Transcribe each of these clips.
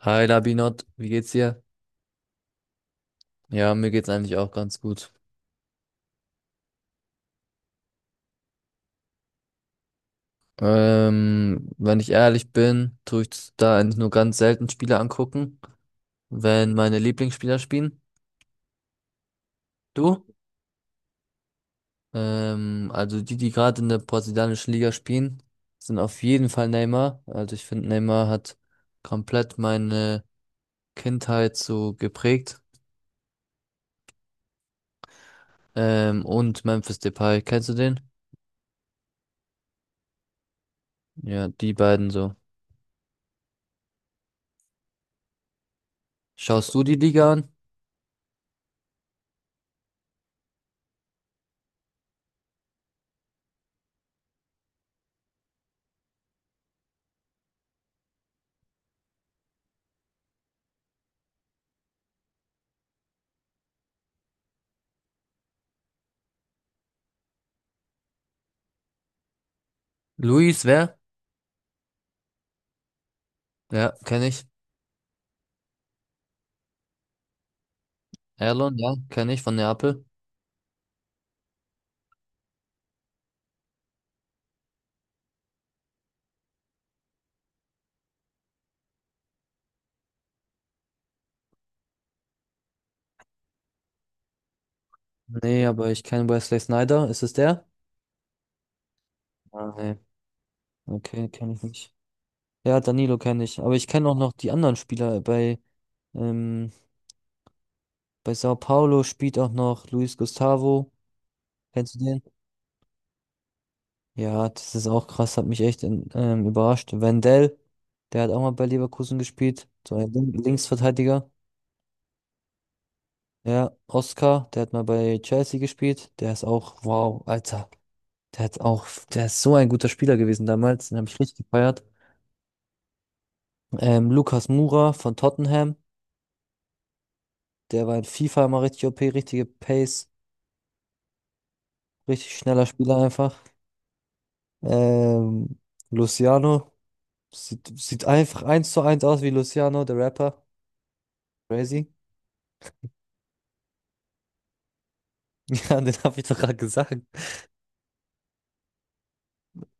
Hi Labinot, wie geht's dir? Ja, mir geht's eigentlich auch ganz gut. Wenn ich ehrlich bin, tue ich da eigentlich nur ganz selten Spiele angucken, wenn meine Lieblingsspieler spielen. Du? Also die, die gerade in der brasilianischen Liga spielen, sind auf jeden Fall Neymar. Also ich finde, Neymar hat komplett meine Kindheit so geprägt. Und Memphis Depay, kennst du den? Ja, die beiden so. Schaust du die Liga an? Luis, wer? Ja, kenne ich. Erlon, ja, kenne ich von Neapel. Nee, aber ich kenne Wesley Snyder. Ist es der? Ah, nee, okay, kenne ich nicht. Ja, Danilo kenne ich. Aber ich kenne auch noch die anderen Spieler. Ähm, bei Sao Paulo spielt auch noch Luis Gustavo. Kennst du den? Ja, das ist auch krass, hat mich echt überrascht. Wendell, der hat auch mal bei Leverkusen gespielt. So ein Linksverteidiger. Ja, Oscar, der hat mal bei Chelsea gespielt. Der ist auch, wow, Alter. Der hat auch, der ist so ein guter Spieler gewesen damals, den habe ich richtig gefeiert. Lucas Moura von Tottenham, der war in FIFA immer richtig OP, richtige Pace, richtig schneller Spieler einfach. Ähm, Luciano, sieht einfach eins zu eins aus wie Luciano, der Rapper. Crazy. Ja, den habe ich doch gerade gesagt.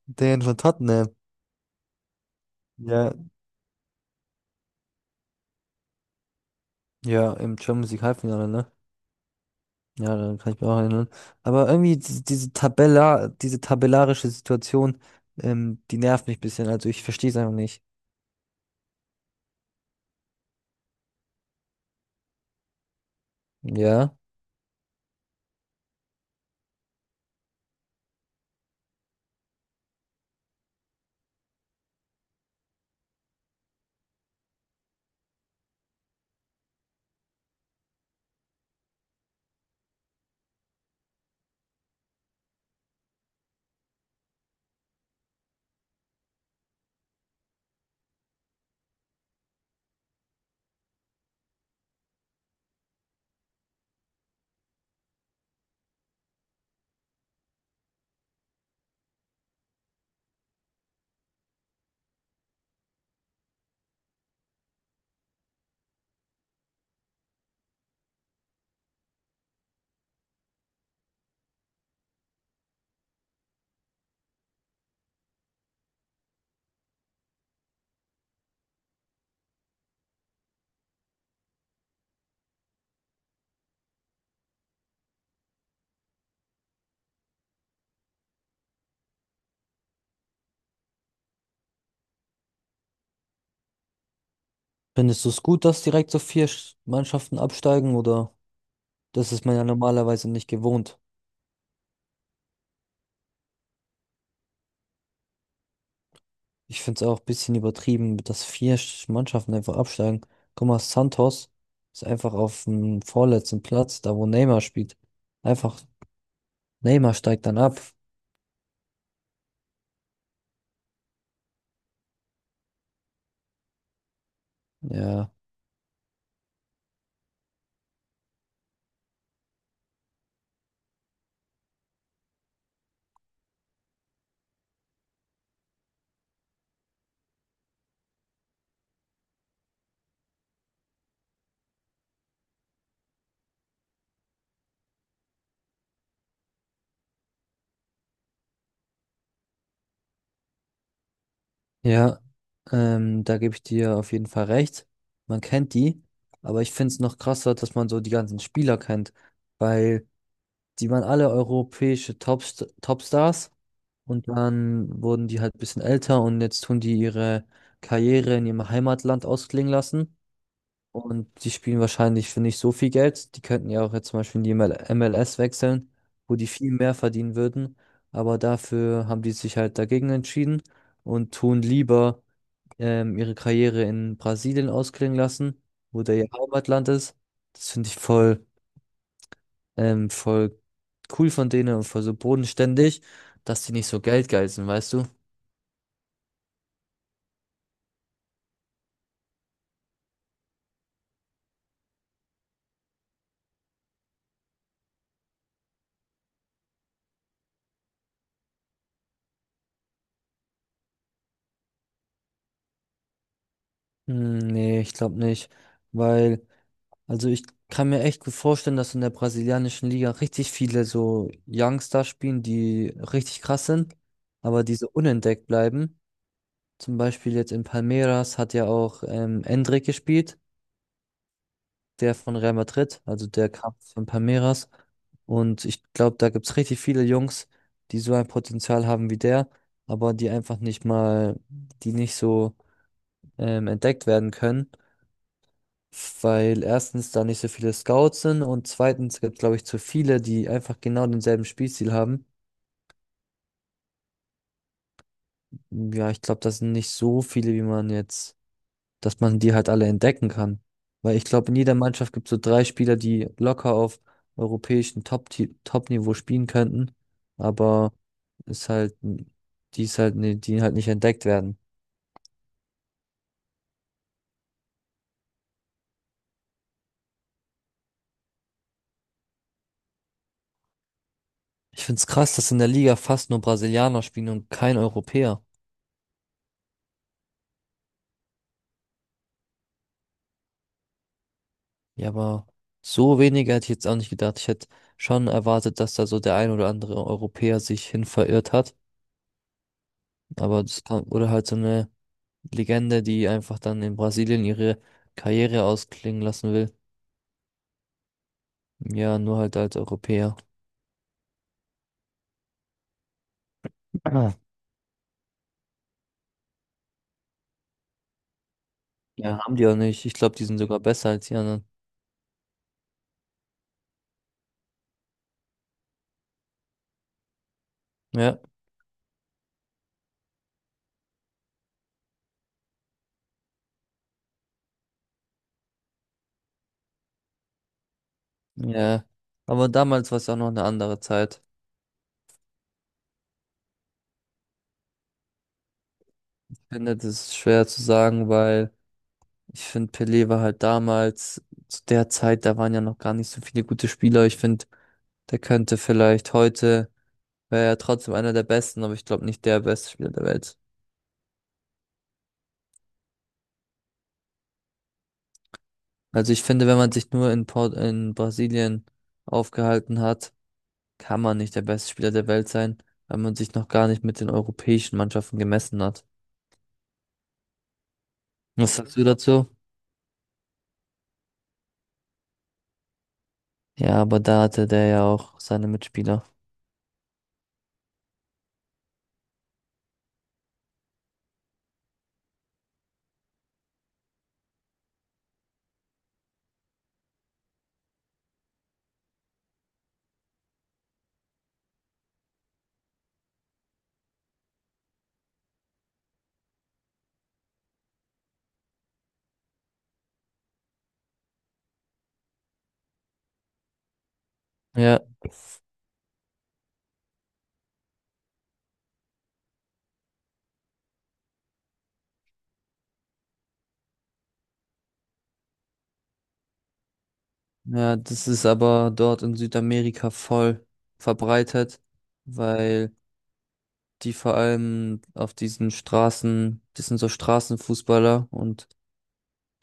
Den von Tottenham. Ja. Ja, im Champions League Halbfinale, ne? Ja, daran kann ich mich auch erinnern. Aber irgendwie diese tabellarische Situation, die nervt mich ein bisschen. Also ich verstehe es einfach nicht. Ja. Findest du es gut, dass direkt so vier Mannschaften absteigen oder? Das ist man ja normalerweise nicht gewohnt. Ich finde es auch ein bisschen übertrieben, dass vier Mannschaften einfach absteigen. Guck mal, Santos ist einfach auf dem vorletzten Platz, da wo Neymar spielt. Einfach Neymar steigt dann ab. Ja. Ja, da gebe ich dir auf jeden Fall recht. Man kennt die, aber ich finde es noch krasser, dass man so die ganzen Spieler kennt, weil die waren alle europäische Topstars und dann wurden die halt ein bisschen älter und jetzt tun die ihre Karriere in ihrem Heimatland ausklingen lassen und die spielen wahrscheinlich für nicht so viel Geld. Die könnten ja auch jetzt zum Beispiel in die ML MLS wechseln, wo die viel mehr verdienen würden, aber dafür haben die sich halt dagegen entschieden und tun lieber ihre Karriere in Brasilien ausklingen lassen, wo der ihr Heimatland ist. Das finde ich voll cool von denen und voll so bodenständig, dass die nicht so geldgeil sind, weißt du? Hm, nee, ich glaube nicht, weil, also ich kann mir echt gut vorstellen, dass in der brasilianischen Liga richtig viele so Youngster spielen, die richtig krass sind, aber die so unentdeckt bleiben. Zum Beispiel jetzt in Palmeiras hat ja auch Endrick gespielt, der von Real Madrid, also der kam von Palmeiras. Und ich glaube, da gibt es richtig viele Jungs, die so ein Potenzial haben wie der, aber die einfach nicht mal, die nicht so entdeckt werden können, weil erstens da nicht so viele Scouts sind und zweitens gibt es, glaube ich, zu viele, die einfach genau denselben Spielstil haben. Ja, ich glaube, das sind nicht so viele, wie man jetzt dass man die halt alle entdecken kann. Weil ich glaube, in jeder Mannschaft gibt es so drei Spieler, die locker auf europäischem Top-Niveau spielen könnten, aber ist halt, die ist halt, die halt nicht entdeckt werden. Ich finde es krass, dass in der Liga fast nur Brasilianer spielen und kein Europäer. Ja, aber so wenige hätte ich jetzt auch nicht gedacht. Ich hätte schon erwartet, dass da so der ein oder andere Europäer sich hin verirrt hat. Aber das kann, oder halt so eine Legende, die einfach dann in Brasilien ihre Karriere ausklingen lassen will. Ja, nur halt als Europäer. Ah. Ja, haben die auch nicht. Ich glaube, die sind sogar besser als die anderen. Ja, ja. Aber damals war es auch noch eine andere Zeit. Ich finde, das ist schwer zu sagen, weil ich finde, Pelé war halt damals, zu der Zeit, da waren ja noch gar nicht so viele gute Spieler. Ich finde, der könnte vielleicht heute, wäre er trotzdem einer der besten, aber ich glaube nicht der beste Spieler der Welt. Also ich finde, wenn man sich nur in Brasilien aufgehalten hat, kann man nicht der beste Spieler der Welt sein, weil man sich noch gar nicht mit den europäischen Mannschaften gemessen hat. Was sagst du dazu? Ja, aber da hatte der ja auch seine Mitspieler. Ja, ja, das ist aber dort in Südamerika voll verbreitet, weil die vor allem auf diesen Straßen, das sind so Straßenfußballer und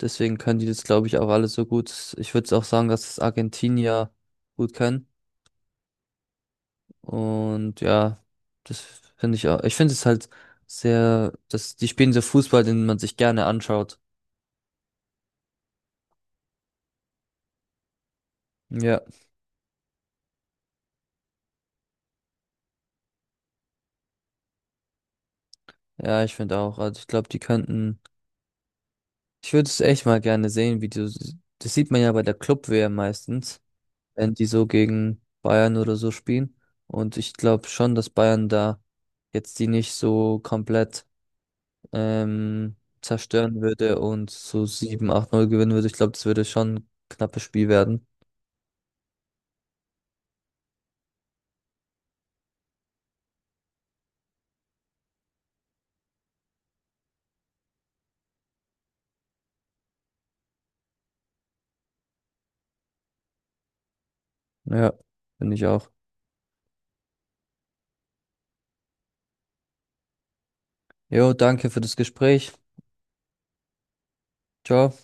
deswegen können die das, glaube ich, auch alles so gut. Ich würde auch sagen, dass es Argentinier gut können. Und ja, das finde ich auch. Ich finde es halt sehr, dass die spielen so Fußball, den man sich gerne anschaut. Ja, ja, ich finde auch. Also ich glaube, die könnten. Ich würde es echt mal gerne sehen, wie die, das sieht man ja bei der Club-WM meistens, wenn die so gegen Bayern oder so spielen. Und ich glaube schon, dass Bayern da jetzt die nicht so komplett ähm, zerstören würde und so sieben acht null gewinnen würde. Ich glaube, das würde schon ein knappes Spiel werden. Ja, finde ich auch. Jo, danke für das Gespräch. Ciao.